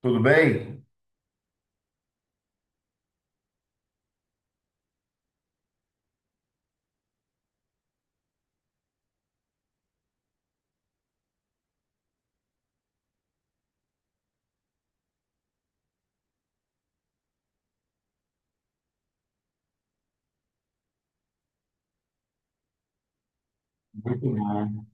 Tudo bem? Muito bom.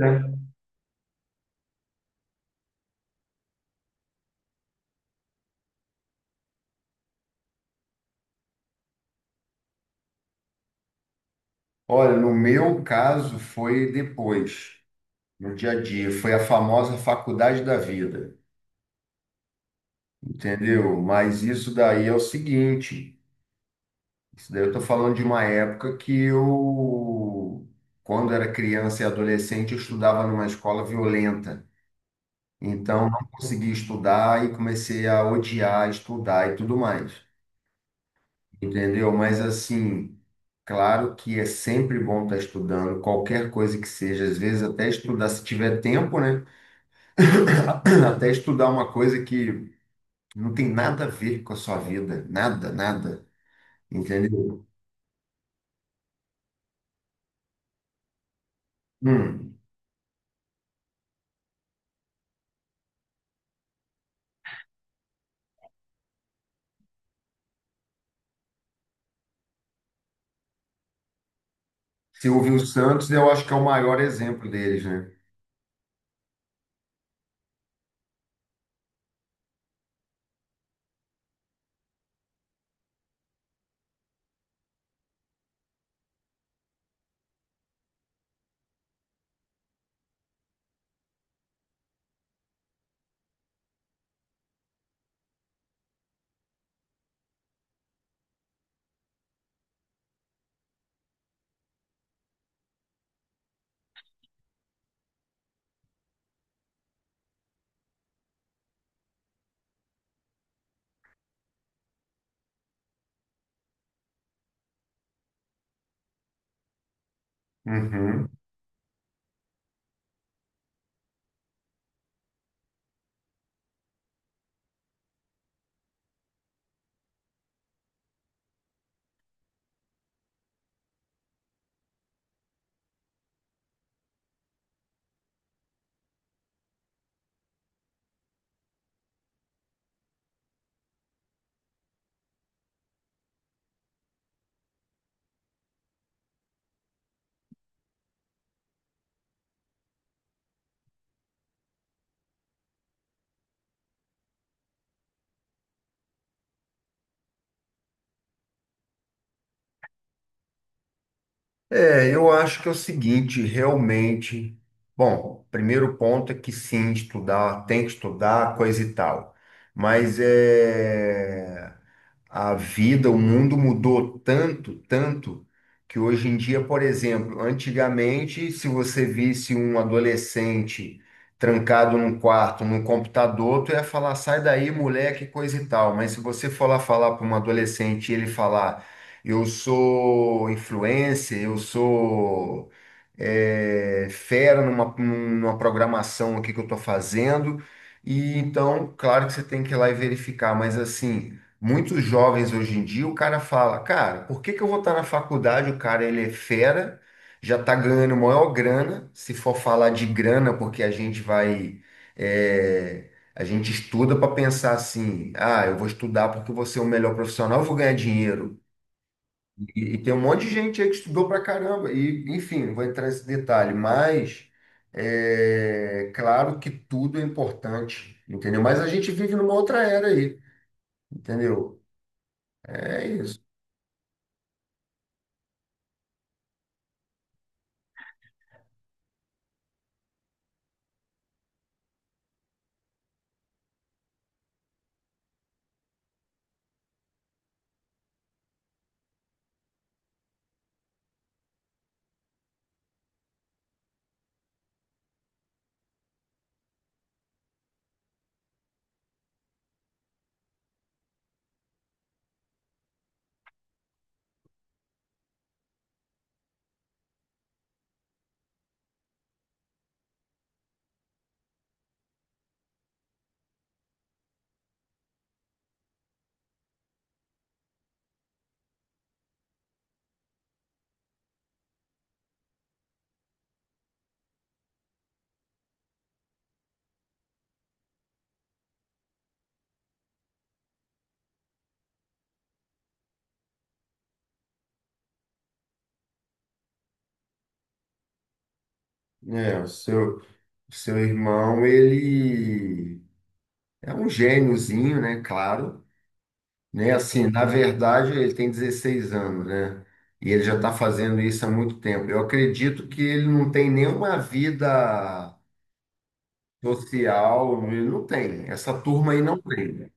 É. Olha, no meu caso foi depois, no dia a dia, foi a famosa faculdade da vida, entendeu? Mas isso daí é o seguinte, isso daí eu tô falando de uma época que eu, quando era criança e adolescente, eu estudava numa escola violenta, então não consegui estudar e comecei a odiar estudar e tudo mais, entendeu? Mas assim, claro que é sempre bom estar estudando, qualquer coisa que seja, às vezes até estudar, se tiver tempo, né? Até estudar uma coisa que não tem nada a ver com a sua vida, nada, nada, entendeu? Hum. Silvio Santos, eu acho que é o maior exemplo deles, né? Uhum. É, eu acho que é o seguinte, realmente. Bom, primeiro ponto é que sim, estudar, tem que estudar, coisa e tal. Mas é. A vida, o mundo mudou tanto, tanto, que hoje em dia, por exemplo, antigamente, se você visse um adolescente trancado num quarto, num computador, tu ia falar, sai daí, moleque, coisa e tal. Mas se você for lá falar para um adolescente e ele falar, eu sou influencer, eu sou fera numa programação aqui que eu estou fazendo, e então, claro que você tem que ir lá e verificar, mas assim. Muitos jovens hoje em dia, o cara fala, cara, por que que eu vou estar na faculdade? O cara, ele é fera, já está ganhando maior grana. Se for falar de grana, porque a gente vai, a gente estuda para pensar assim, ah, eu vou estudar porque eu vou ser o melhor profissional, eu vou ganhar dinheiro. E tem um monte de gente aí que estudou pra caramba. E, enfim, não vou entrar nesse detalhe, mas é claro que tudo é importante, entendeu? Mas a gente vive numa outra era aí, entendeu? É isso. É, o seu, irmão, ele é um gêniozinho, né? Claro, né? Assim, na verdade, ele tem 16 anos, né? E ele já está fazendo isso há muito tempo. Eu acredito que ele não tem nenhuma vida social, ele não tem. Essa turma aí não tem.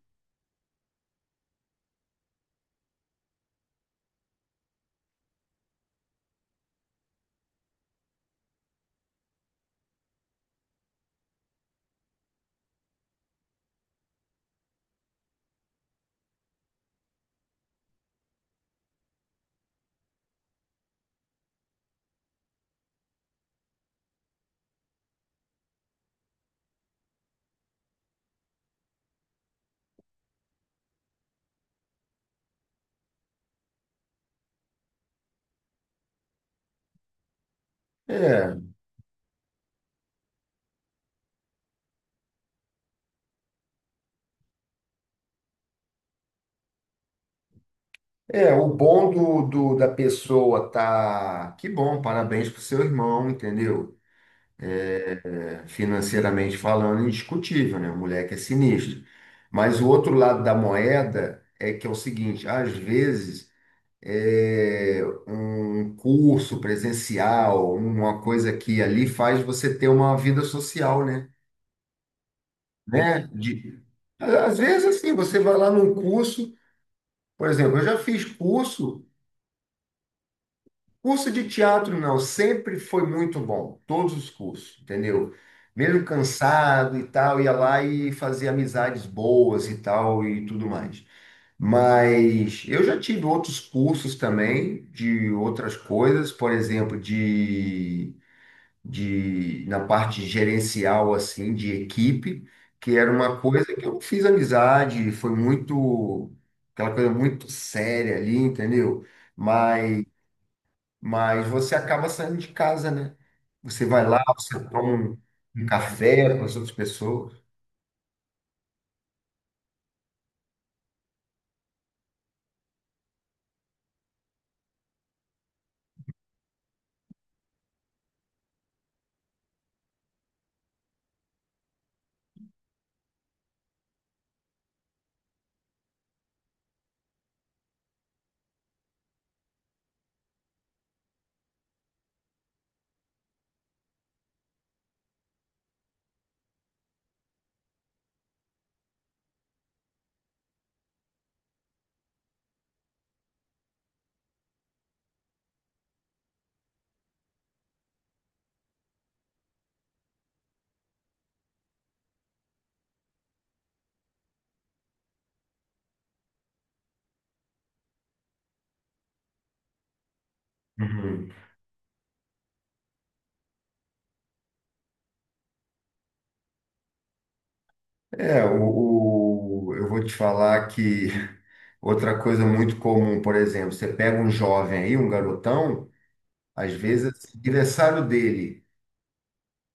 É, é, o bom da pessoa tá. Que bom, parabéns pro seu irmão, entendeu? Financeiramente falando, indiscutível, né? O moleque é sinistro. Mas o outro lado da moeda é que é o seguinte, às vezes é, um curso presencial, uma coisa aqui e ali faz você ter uma vida social, né? Né? De, às vezes assim, você vai lá num curso, por exemplo, eu já fiz curso de teatro não, sempre foi muito bom, todos os cursos, entendeu? Mesmo cansado e tal, ia lá e fazia amizades boas e tal e tudo mais. Mas eu já tive outros cursos também de outras coisas, por exemplo, de na parte gerencial assim de equipe, que era uma coisa que eu não fiz amizade, foi muito aquela coisa muito séria ali, entendeu? mas mas você acaba saindo de casa, né? Você vai lá, você toma um café com as outras pessoas. Uhum. É, eu vou te falar que outra coisa muito comum, por exemplo, você pega um jovem aí, um garotão, às vezes, aniversário dele.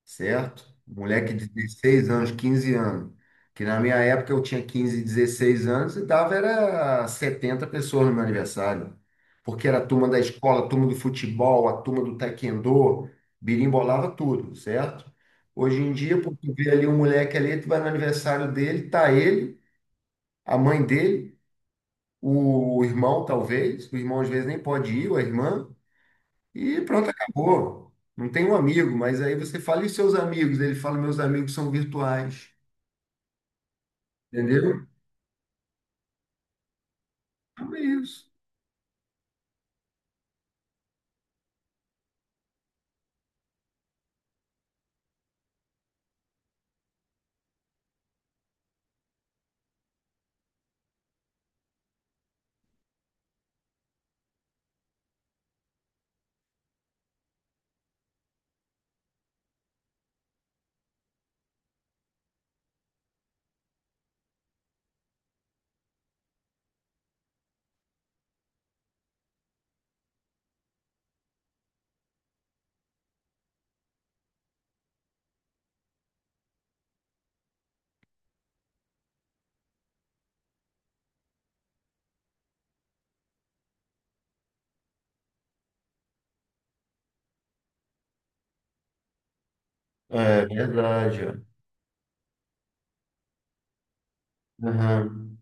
Certo? Moleque de 16 anos, 15 anos. Que na minha época eu tinha 15, 16 anos e dava era 70 pessoas no meu aniversário. Porque era a turma da escola, a turma do futebol, a turma do taekwondo, birimbolava tudo, certo? Hoje em dia, pô, tu vê ali um moleque ali, tu vai no aniversário dele, tá ele, a mãe dele, o irmão talvez, o irmão às vezes nem pode ir, ou a irmã, e pronto, acabou. Não tem um amigo, mas aí você fala, e os seus amigos? Ele fala, meus amigos são virtuais. Entendeu? Então é isso. É verdade. Ó. Aham.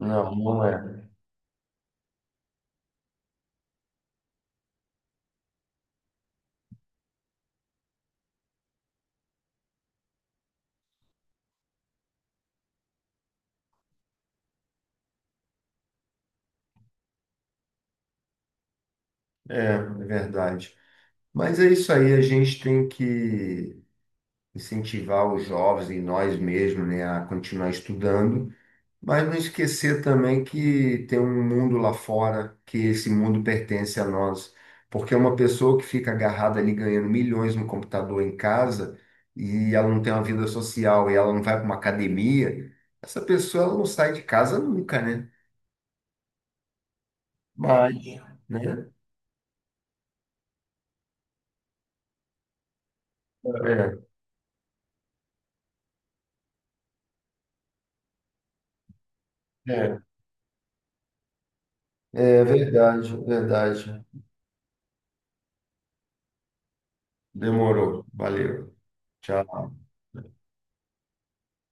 Não, não é. É, é verdade. Mas é isso aí, a gente tem que incentivar os jovens e nós mesmos, né, a continuar estudando. Mas não esquecer também que tem um mundo lá fora, que esse mundo pertence a nós. Porque é uma pessoa que fica agarrada ali ganhando milhões no computador em casa e ela não tem uma vida social e ela não vai para uma academia, essa pessoa ela não sai de casa nunca, né? Mas, né? É, É, é verdade, verdade. Demorou. Valeu. Tchau.